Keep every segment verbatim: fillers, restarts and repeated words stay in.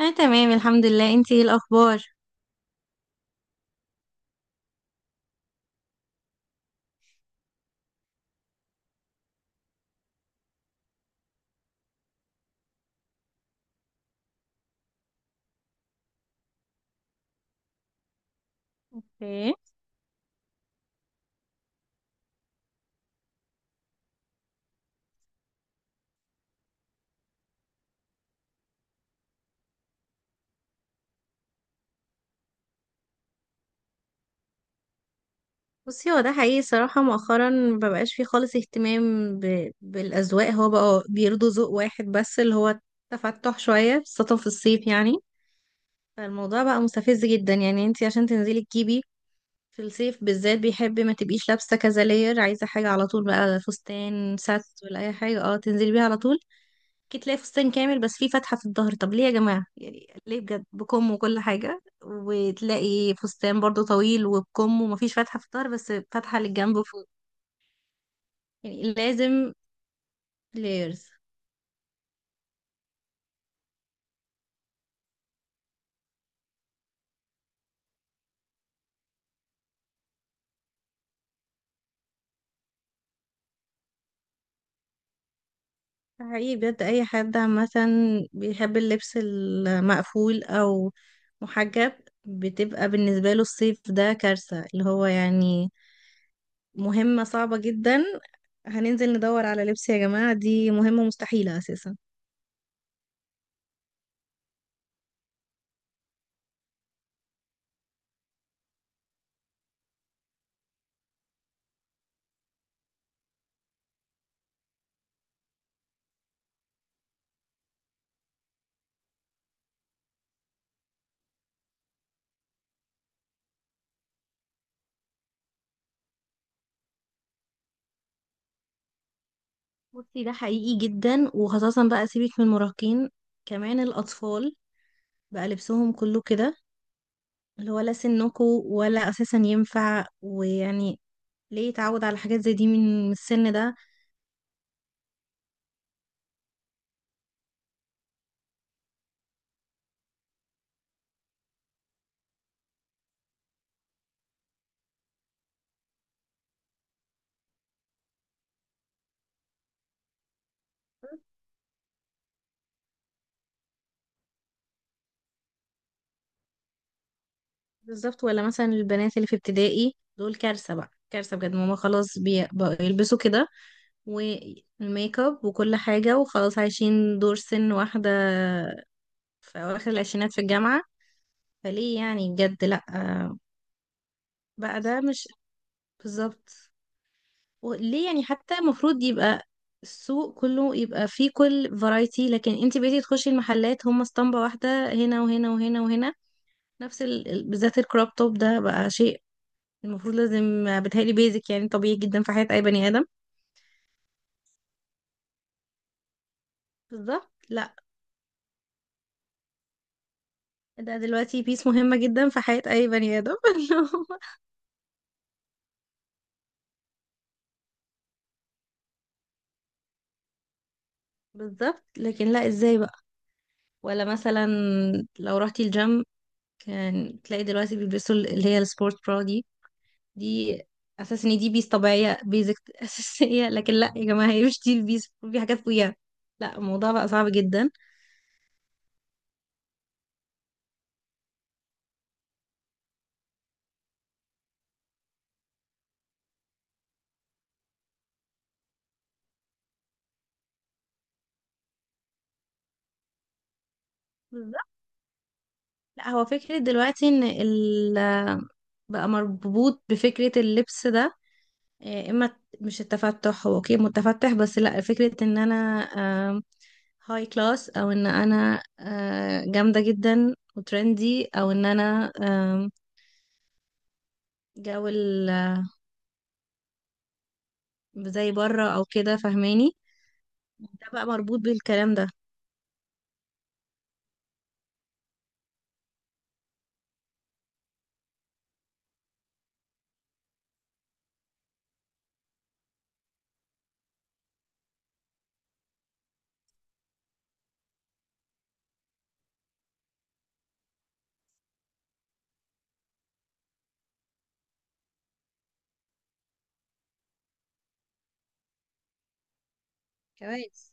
اه تمام الحمد لله. انتي ايه الاخبار؟ ايه. بصي، هو ده حقيقي صراحة مؤخرا مبقاش فيه خالص اهتمام ب... بالأذواق. هو بقى بيرضوا ذوق واحد بس، اللي هو تفتح شوية خاصة في الصيف يعني فالموضوع بقى مستفز جدا. يعني انتي عشان تنزلي تجيبي في الصيف بالذات، بيحب ما تبقيش لابسة كذا لاير، عايزة حاجة على طول بقى، فستان ساتس ولا أي حاجة اه تنزلي بيها على طول. ممكن تلاقي فستان كامل بس فيه فتحة في الظهر، طب ليه يا جماعة؟ يعني ليه بجد، بكم وكل حاجة، وتلاقي فستان برضو طويل وبكم ومفيش فتحة في الظهر بس فتحة للجنب فوق. يعني لازم لايرز. حقيقي بجد أي حد عامة بيحب اللبس المقفول أو محجب، بتبقى بالنسبة له الصيف ده كارثة، اللي هو يعني مهمة صعبة جدا. هننزل ندور على لبس يا جماعة، دي مهمة مستحيلة أساسا. بصي، ده حقيقي جدا، وخاصة بقى سيبك من المراهقين، كمان الأطفال بقى لبسهم كله كده، اللي هو لا سنكو ولا أساسا ينفع، ويعني ليه يتعود على حاجات زي دي من من السن ده؟ بالظبط. ولا مثلا البنات اللي في ابتدائي دول كارثة بقى، كارثة بجد. ماما خلاص، بي- بقوا يلبسوا كده، والميك اب وكل حاجة، وخلاص عايشين دور سن واحدة في أواخر العشرينات في الجامعة. فليه يعني بجد؟ لأ، بقى ده مش بالظبط. و- ليه يعني؟ حتى المفروض يبقى السوق كله يبقى فيه كل فرايتي، لكن انت بقيتي تخشي المحلات هم اسطمبة واحدة، هنا وهنا وهنا وهنا، نفس ال... ال- بالذات الكروب توب ده بقى شيء المفروض لازم، بتهيألي بيزك يعني، طبيعي جدا في حياة أي بني آدم. بالظبط. لا، ده دلوقتي بيس مهمة جدا في حياة أي بني آدم إن هو- بالظبط. لكن لا، ازاي بقى؟ ولا مثلا لو رحتي الجيم، كان تلاقي دلوقتي بيلبسوا اللي هي السبورت برا دي. دي اساس ان دي بيس طبيعيه، بيزك اساسيه، لكن لا يا جماعه، هي مش دي البيس، في حاجات فوقيها. لا، الموضوع بقى صعب جدا. بالظبط. لا هو فكره دلوقتي ان ال بقى مربوط بفكره اللبس ده، آه، اما مش التفتح، هو اوكي متفتح، بس لا، فكره ان انا هاي كلاس، او ان انا آه، جامده جدا وترندي، او ان انا آم، جو ال- آه، زي بره او كده، فاهماني؟ ده بقى مربوط بالكلام ده. كويس.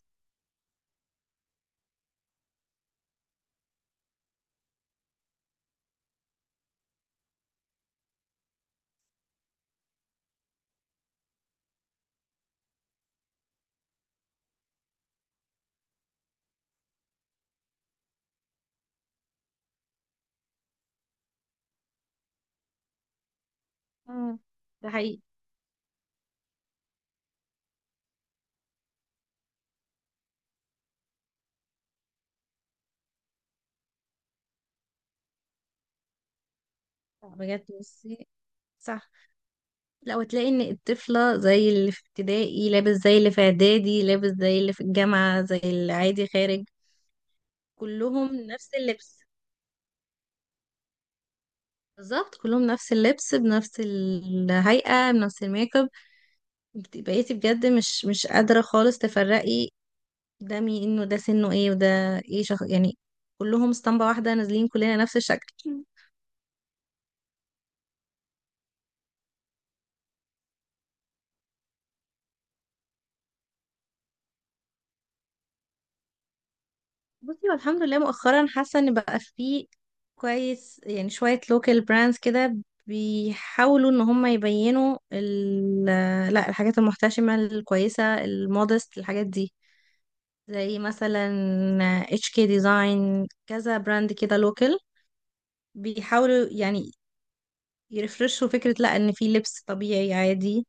مم. ده حقيقي. لا، بجد بصي، صح. لا وتلاقي ان الطفلة زي اللي في ابتدائي، لابس زي اللي في اعدادي، لابس زي اللي في الجامعة، زي اللي عادي خارج. كلهم نفس اللبس. بالظبط، كلهم نفس اللبس بنفس الهيئة بنفس الميك اب. بت- بقيتي بجد مش مش قادرة خالص تفرقي ده مين، انه ده سنه ايه، وده ايه شخص يعني. كلهم اسطمبة واحدة نازلين، كلنا نفس الشكل. بصي، هو الحمد لله مؤخرا حاسه ان بقى فيه كويس، يعني شويه لوكال براندز كده بيحاولوا ان هم يبينوا ال، لا، الحاجات المحتشمه الكويسه المودست، الحاجات دي زي مثلا اتش كي ديزاين، كذا براند كده لوكال بيحاولوا يعني يرفرشوا فكره، لا ان في لبس طبيعي عادي.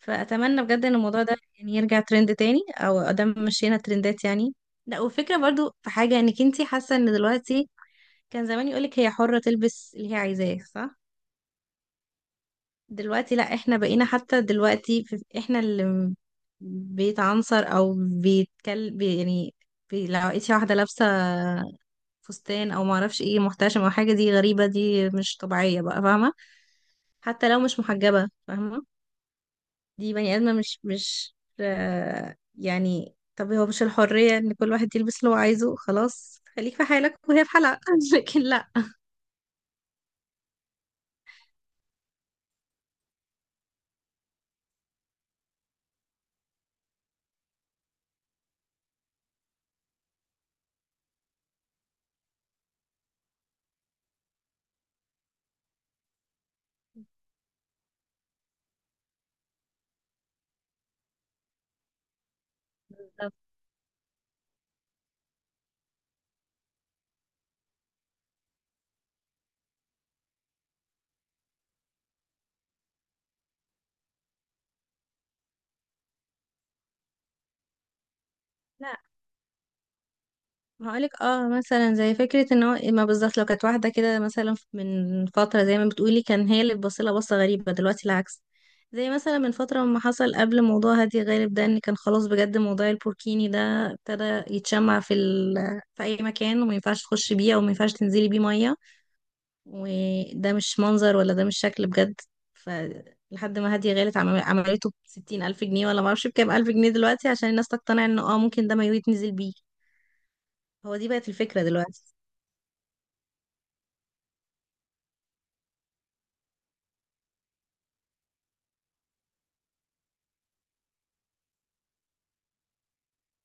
فاتمنى بجد ان الموضوع ده يعني يرجع ترند تاني، او ادام مشينا ترندات يعني. لا، وفكرة برضو في حاجة، انك انتي حاسة ان دلوقتي كان زمان يقولك هي حرة تلبس اللي هي عايزاه، صح؟ دلوقتي لا، احنا بقينا حتى دلوقتي في- احنا اللي م- بيتعنصر او بيتكل بي يعني، بي لو لقيتي واحدة لابسة فستان او معرفش ايه محتشمة او حاجة، دي غريبة، دي مش طبيعية بقى، فاهمة؟ حتى لو مش محجبة، فاهمة؟ دي بني آدمة مش مش آه، يعني. طب هو مش الحرية ان كل واحد يلبس اللي هو عايزه؟ خلاص، خليك في حالك وهي في حالها لكن لا. هقولك اه، مثلا زي فكرة ان هو، ما بالظبط، لو كانت واحدة كده مثلا من فترة زي ما بتقولي، كان هي اللي بتبصلها بصة غريبة، دلوقتي العكس. زي مثلا من فترة، ما حصل قبل موضوع هادي غالب ده، ان كان خلاص بجد موضوع البوركيني ده ابتدى يتشمع في ال... في اي مكان، وما ينفعش تخش بيه، او ما ينفعش تنزلي بيه مية، وده مش منظر، ولا ده مش شكل بجد. ف لحد ما هادية غالب عمل- عملته بستين ألف جنيه، ولا معرفش بكام ألف جنيه دلوقتي، عشان الناس تقتنع انه اه ممكن ده ما يتنزل بيه. هو دي بقت الفكرة دلوقتي.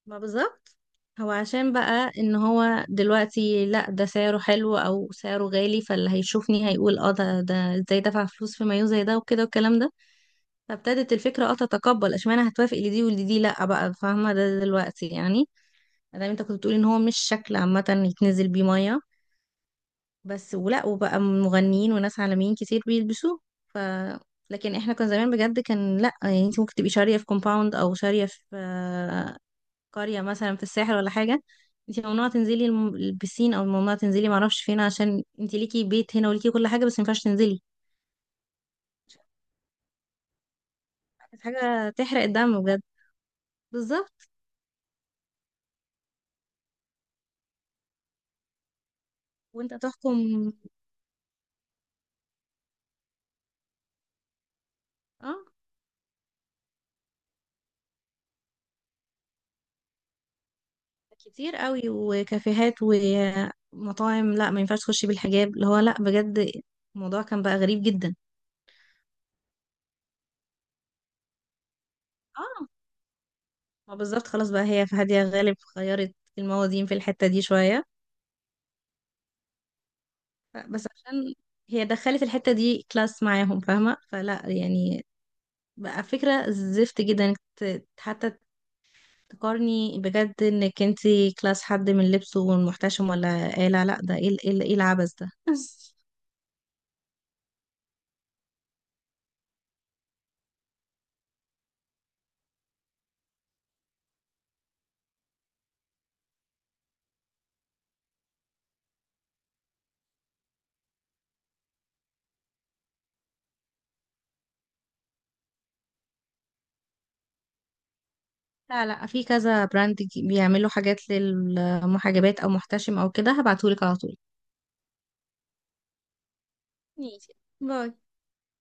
ما بالظبط. هو عشان بقى ان هو دلوقتي لا، ده سعره حلو او سعره غالي، فاللي هيشوفني هيقول اه، ده ده ازاي دفع فلوس في مايو زي ده وكده والكلام ده. فابتدت الفكره اه تتقبل، اشمعنى هتوافق لدي ولدي لا بقى، فاهمه ده دلوقتي يعني. مادام انت كنت بتقولي ان هو مش شكل عامه يتنزل بيه ميه بس، ولا وبقى مغنيين وناس عالميين كتير بيلبسوه. ف لكن احنا كنا زمان بجد كان لا يعني، انت ممكن تبقي شاريه في كومباوند، او شاريه في آه، قرية مثلا في الساحل ولا حاجة، انت ممنوعة تنزلي الم- البسين، او ممنوعة تنزلي معرفش فين، عشان انت ليكي بيت هنا وليكي كل حاجة، بس مينفعش تنزلي. كانت حاجة تحرق الدم بجد. بالظبط، وانت تحكم. اه، كتير قوي، وكافيهات ومطاعم، لا ما ينفعش تخشي بالحجاب، اللي هو لا بجد، الموضوع كان بقى غريب جدا. اه، ما بالظبط، خلاص بقى هي في هادية غالب غيرت الموازين في الحتة دي شوية. ف- بس عشان هي دخلت الحتة دي كلاس معاهم، فاهمة؟ فلا يعني بقى فكرة زفت جدا انك ت- حتى تقارني بجد انك انتي كلاس حد من لبسه والمحتشم ولا ايه. لا لا، ده ايه ال- ايه ال- ايه العبث ده لا لا، في كذا براند ج- بيعملوا حاجات للمحجبات او محتشم او كده، هبعتهولك على طول. ماشي، باي.